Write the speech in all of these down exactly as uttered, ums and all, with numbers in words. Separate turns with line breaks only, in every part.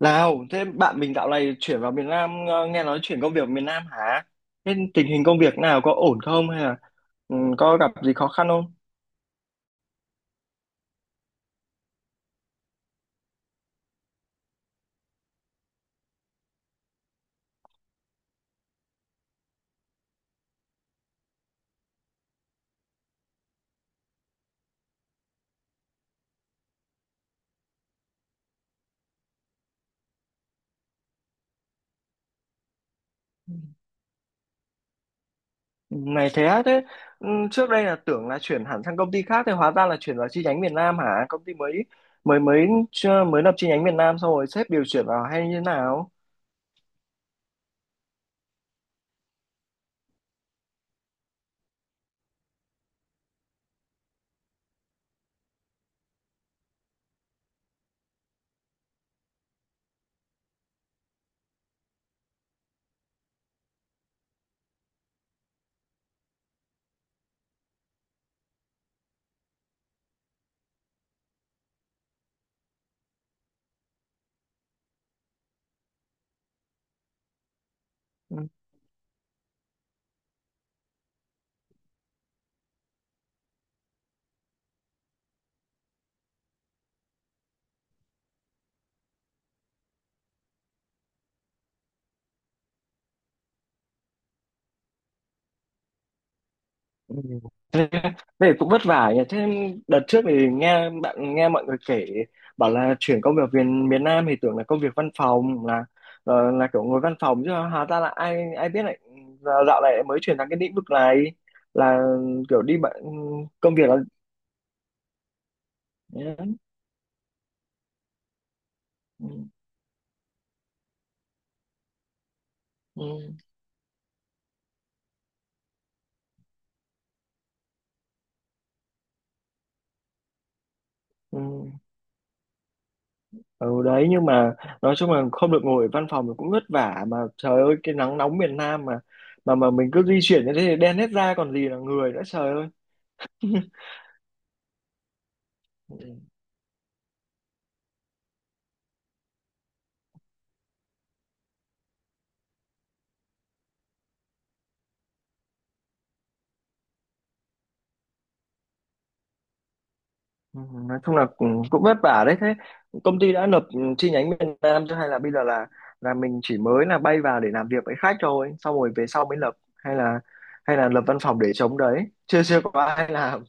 Nào, thế bạn mình dạo này chuyển vào miền Nam, ờ, nghe nói chuyển công việc miền Nam hả? Thế tình hình công việc nào có ổn không hay là ừ, có gặp gì khó khăn không? Ừ, này thế á, thế ừ, trước đây là tưởng là chuyển hẳn sang công ty khác thì hóa ra là chuyển vào chi nhánh miền Nam hả? Công ty mới mới mới chưa- mới lập chi nhánh miền Nam xong rồi sếp điều chuyển vào hay như thế nào? Ừ. Ừ. Thế, thế cũng vất vả nhỉ. Thế đợt trước thì nghe bạn nghe mọi người kể bảo là chuyển công việc về miền Nam thì tưởng là công việc văn phòng là ờ, là kiểu ngồi văn phòng chứ hóa ra là ai ai biết lại giờ dạo này mới chuyển sang cái lĩnh vực này là kiểu đi bạn công việc là ừ, ừ, ừ. Ừ, đấy nhưng mà nói chung là không được ngồi ở văn phòng thì cũng vất vả mà trời ơi cái nắng nóng miền Nam mà mà mà mình cứ di chuyển như thế thì đen hết da còn gì là người nữa trời ơi. Ừ, nói chung là cũng, cũng vất vả đấy. Thế công ty đã nộp ừ, chi nhánh Việt Nam chưa hay là bây giờ là là mình chỉ mới là bay vào để làm việc với khách thôi xong rồi về sau mới lập hay là hay là lập văn phòng để chống đấy chưa chưa có ai làm.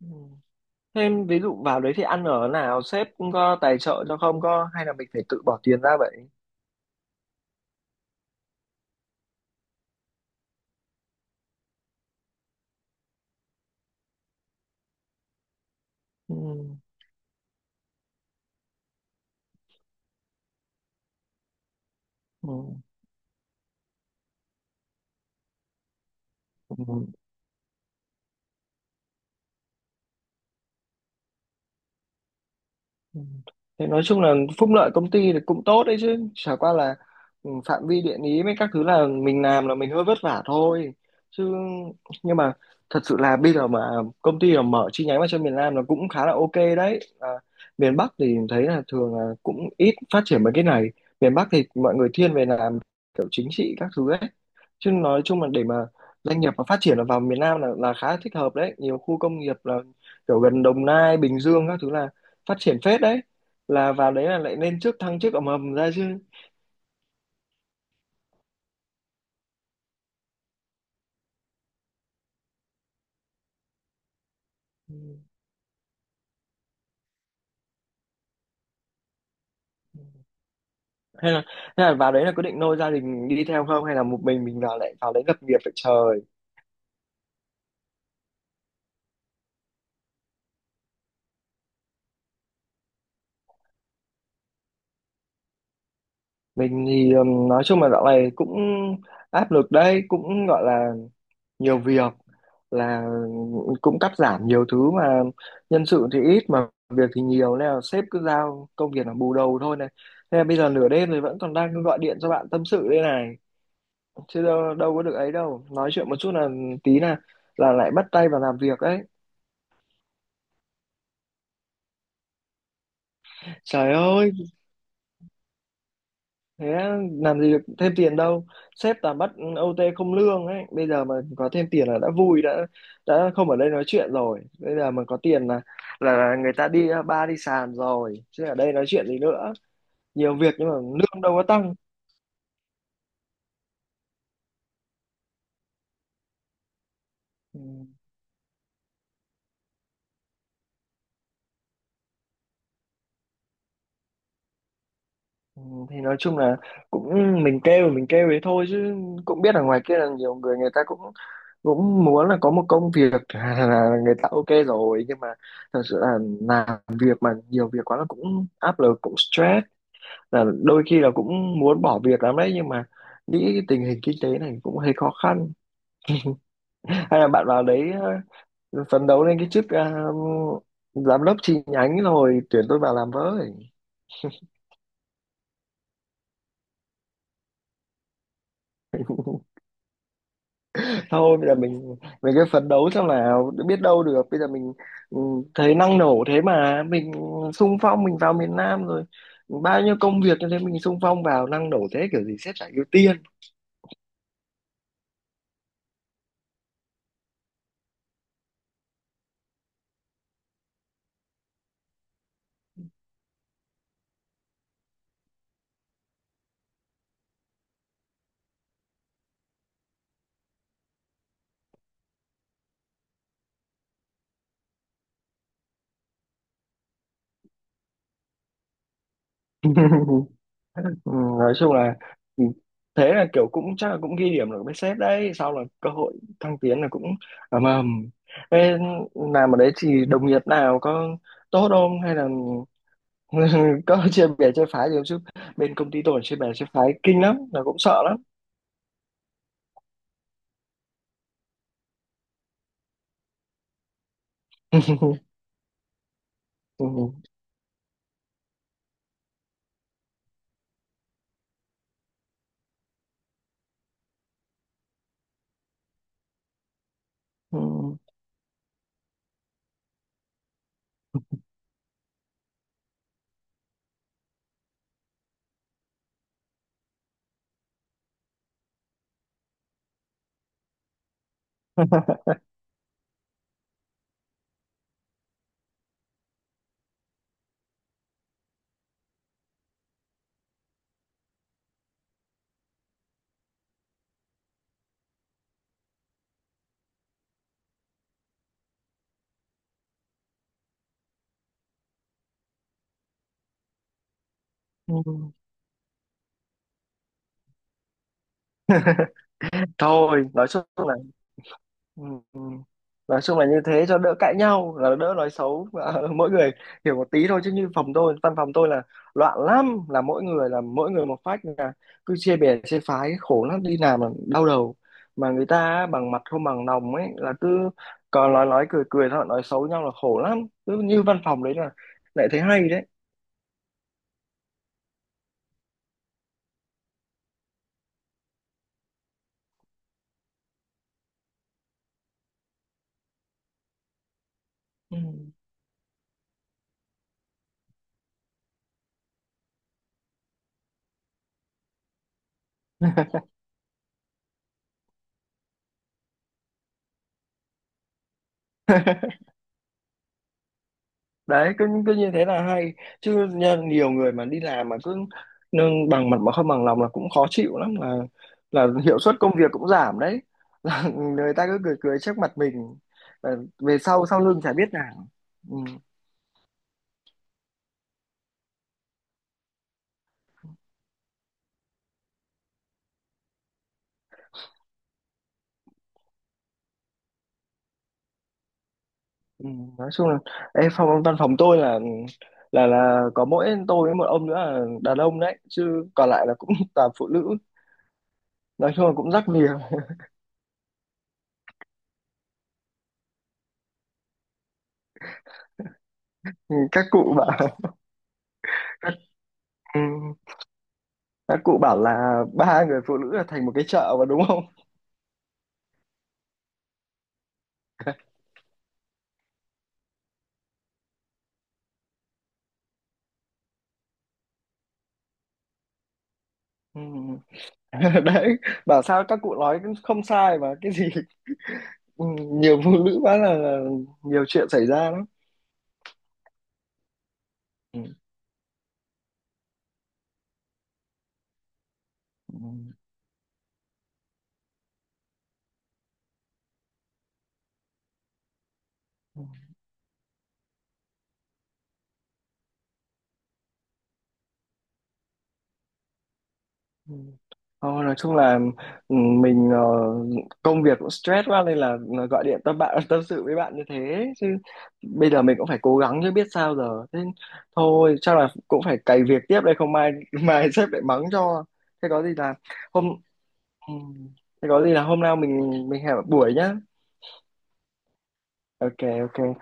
Ừ. Thêm ví dụ vào đấy thì ăn ở nào sếp cũng có tài trợ cho không có hay là mình phải tự bỏ tiền ra vậy? Ừ. Ừ. Ừ. Ừ. Thế nói chung là phúc lợi công ty thì cũng tốt đấy chứ chả qua là ừ, phạm vi địa lý với các thứ là mình làm là mình hơi vất vả thôi chứ nhưng mà thật sự là bây giờ mà công ty mà mở chi nhánh vào cho miền Nam là cũng khá là ok đấy à, miền Bắc thì thấy là thường là cũng ít phát triển mấy cái này. Miền Bắc thì mọi người thiên về làm kiểu chính trị các thứ ấy chứ nói chung là để mà doanh nghiệp mà phát triển là vào miền Nam là là khá thích hợp đấy, nhiều khu công nghiệp là kiểu gần Đồng Nai Bình Dương các thứ là phát triển phết đấy, là vào đấy là lại nên trước thăng chức ầm ầm ra chứ. Hay là hay là vào đấy là có định nôi gia đình đi theo không hay là một mình mình vào lại vào đấy lập nghiệp vậy trời? Mình thì ừm, nói chung là dạo này cũng áp lực đấy, cũng gọi là nhiều việc, là cũng cắt giảm nhiều thứ mà nhân sự thì ít mà việc thì nhiều nên là sếp cứ giao công việc là bù đầu thôi này. Thế là bây giờ nửa đêm rồi vẫn còn đang gọi điện cho bạn tâm sự đây này, chứ đâu, đâu có được ấy đâu, nói chuyện một chút là tí là là lại bắt tay vào làm việc ấy. Trời ơi thế làm gì được thêm tiền đâu, sếp toàn bắt ô tê không lương ấy, bây giờ mà có thêm tiền là đã vui, đã đã không ở đây nói chuyện rồi, bây giờ mà có tiền là là người ta đi bar đi sàn rồi chứ ở đây nói chuyện gì nữa. Nhiều việc nhưng mà lương đâu có tăng. Ừ, ừ, thì nói chung là cũng mình kêu mình kêu thế thôi chứ cũng biết ở ngoài kia là nhiều người người ta cũng cũng muốn là có một công việc là người ta ok rồi nhưng mà thật sự là làm việc mà nhiều việc quá là cũng áp lực cũng stress, là đôi khi là cũng muốn bỏ việc lắm đấy nhưng mà nghĩ cái tình hình kinh tế này cũng hơi khó khăn. Hay là bạn vào đấy ờ, phấn đấu lên cái chức ờ, giám đốc chi nhánh rồi tuyển tôi vào làm với. Thôi bây giờ mình mình cứ phấn đấu xem nào, biết đâu được bây giờ mình ừ, thấy năng nổ thế mà mình xung phong mình vào miền Nam rồi, bao nhiêu công việc như thế mình xung phong vào năng nổ thế kiểu gì sếp chả ưu tiên. Ừ, nói chung là ừ, thế là kiểu cũng chắc là cũng ghi điểm được với sếp đấy sau là cơ hội thăng tiến là cũng ầm ầm. Thế làm ở đấy thì đồng nghiệp nào có tốt không hay là có chia bè chia phái gì không chứ, bên công ty tôi chia bè chia phái kinh lắm là cũng sợ lắm. Ừ. Ừ. Ừ. Thôi nói chung là ừ. Ừ. Nói chung là như thế cho đỡ cãi nhau là đỡ nói xấu. Và mỗi người hiểu một tí thôi chứ như phòng tôi văn phòng tôi là loạn lắm, là mỗi người là mỗi người một phách là cứ chia bè chia phái khổ lắm, đi làm là đau đầu mà người ta á, bằng mặt không bằng lòng ấy là cứ còn nói nói cười cười thôi nói xấu nhau là khổ lắm, cứ như văn phòng đấy là lại thấy hay đấy. Đấy cứ cứ như thế là hay chứ nha, nhiều người mà đi làm mà cứ nâng bằng mặt mà không bằng lòng là cũng khó chịu lắm, là là hiệu suất công việc cũng giảm đấy. Là người ta cứ cười cười trước mặt mình. Ờ, về sau sau lưng chả biết nào. Ừ, ừ, nói chung là ê, phòng văn phòng tôi là là là có mỗi tôi với một ông nữa là đàn ông đấy chứ còn lại là cũng toàn phụ nữ. Nói chung là cũng rắc nhiều. Ừ, các cụ bảo các, ừ, các cụ bảo là ba người phụ nữ là thành một cái chợ mà đúng không. Ừ. Đấy, bảo sao các cụ nói cũng không sai mà cái gì ừ, nhiều phụ nữ quá là, là nhiều chuyện xảy ra lắm. Ừ. Ừ. Ừ. Thôi, nói chung là ừ, mình ờ, công việc cũng stress quá nên là gọi điện tâm bạn tâm sự với bạn như thế chứ bây giờ mình cũng phải cố gắng chứ biết sao giờ. Thế thôi chắc là cũng phải cày việc tiếp đây không mai mai sếp lại mắng cho. Thế có gì là hôm ừ, thế có gì là hôm nào mình mình hẹn buổi nhá. Ok ok.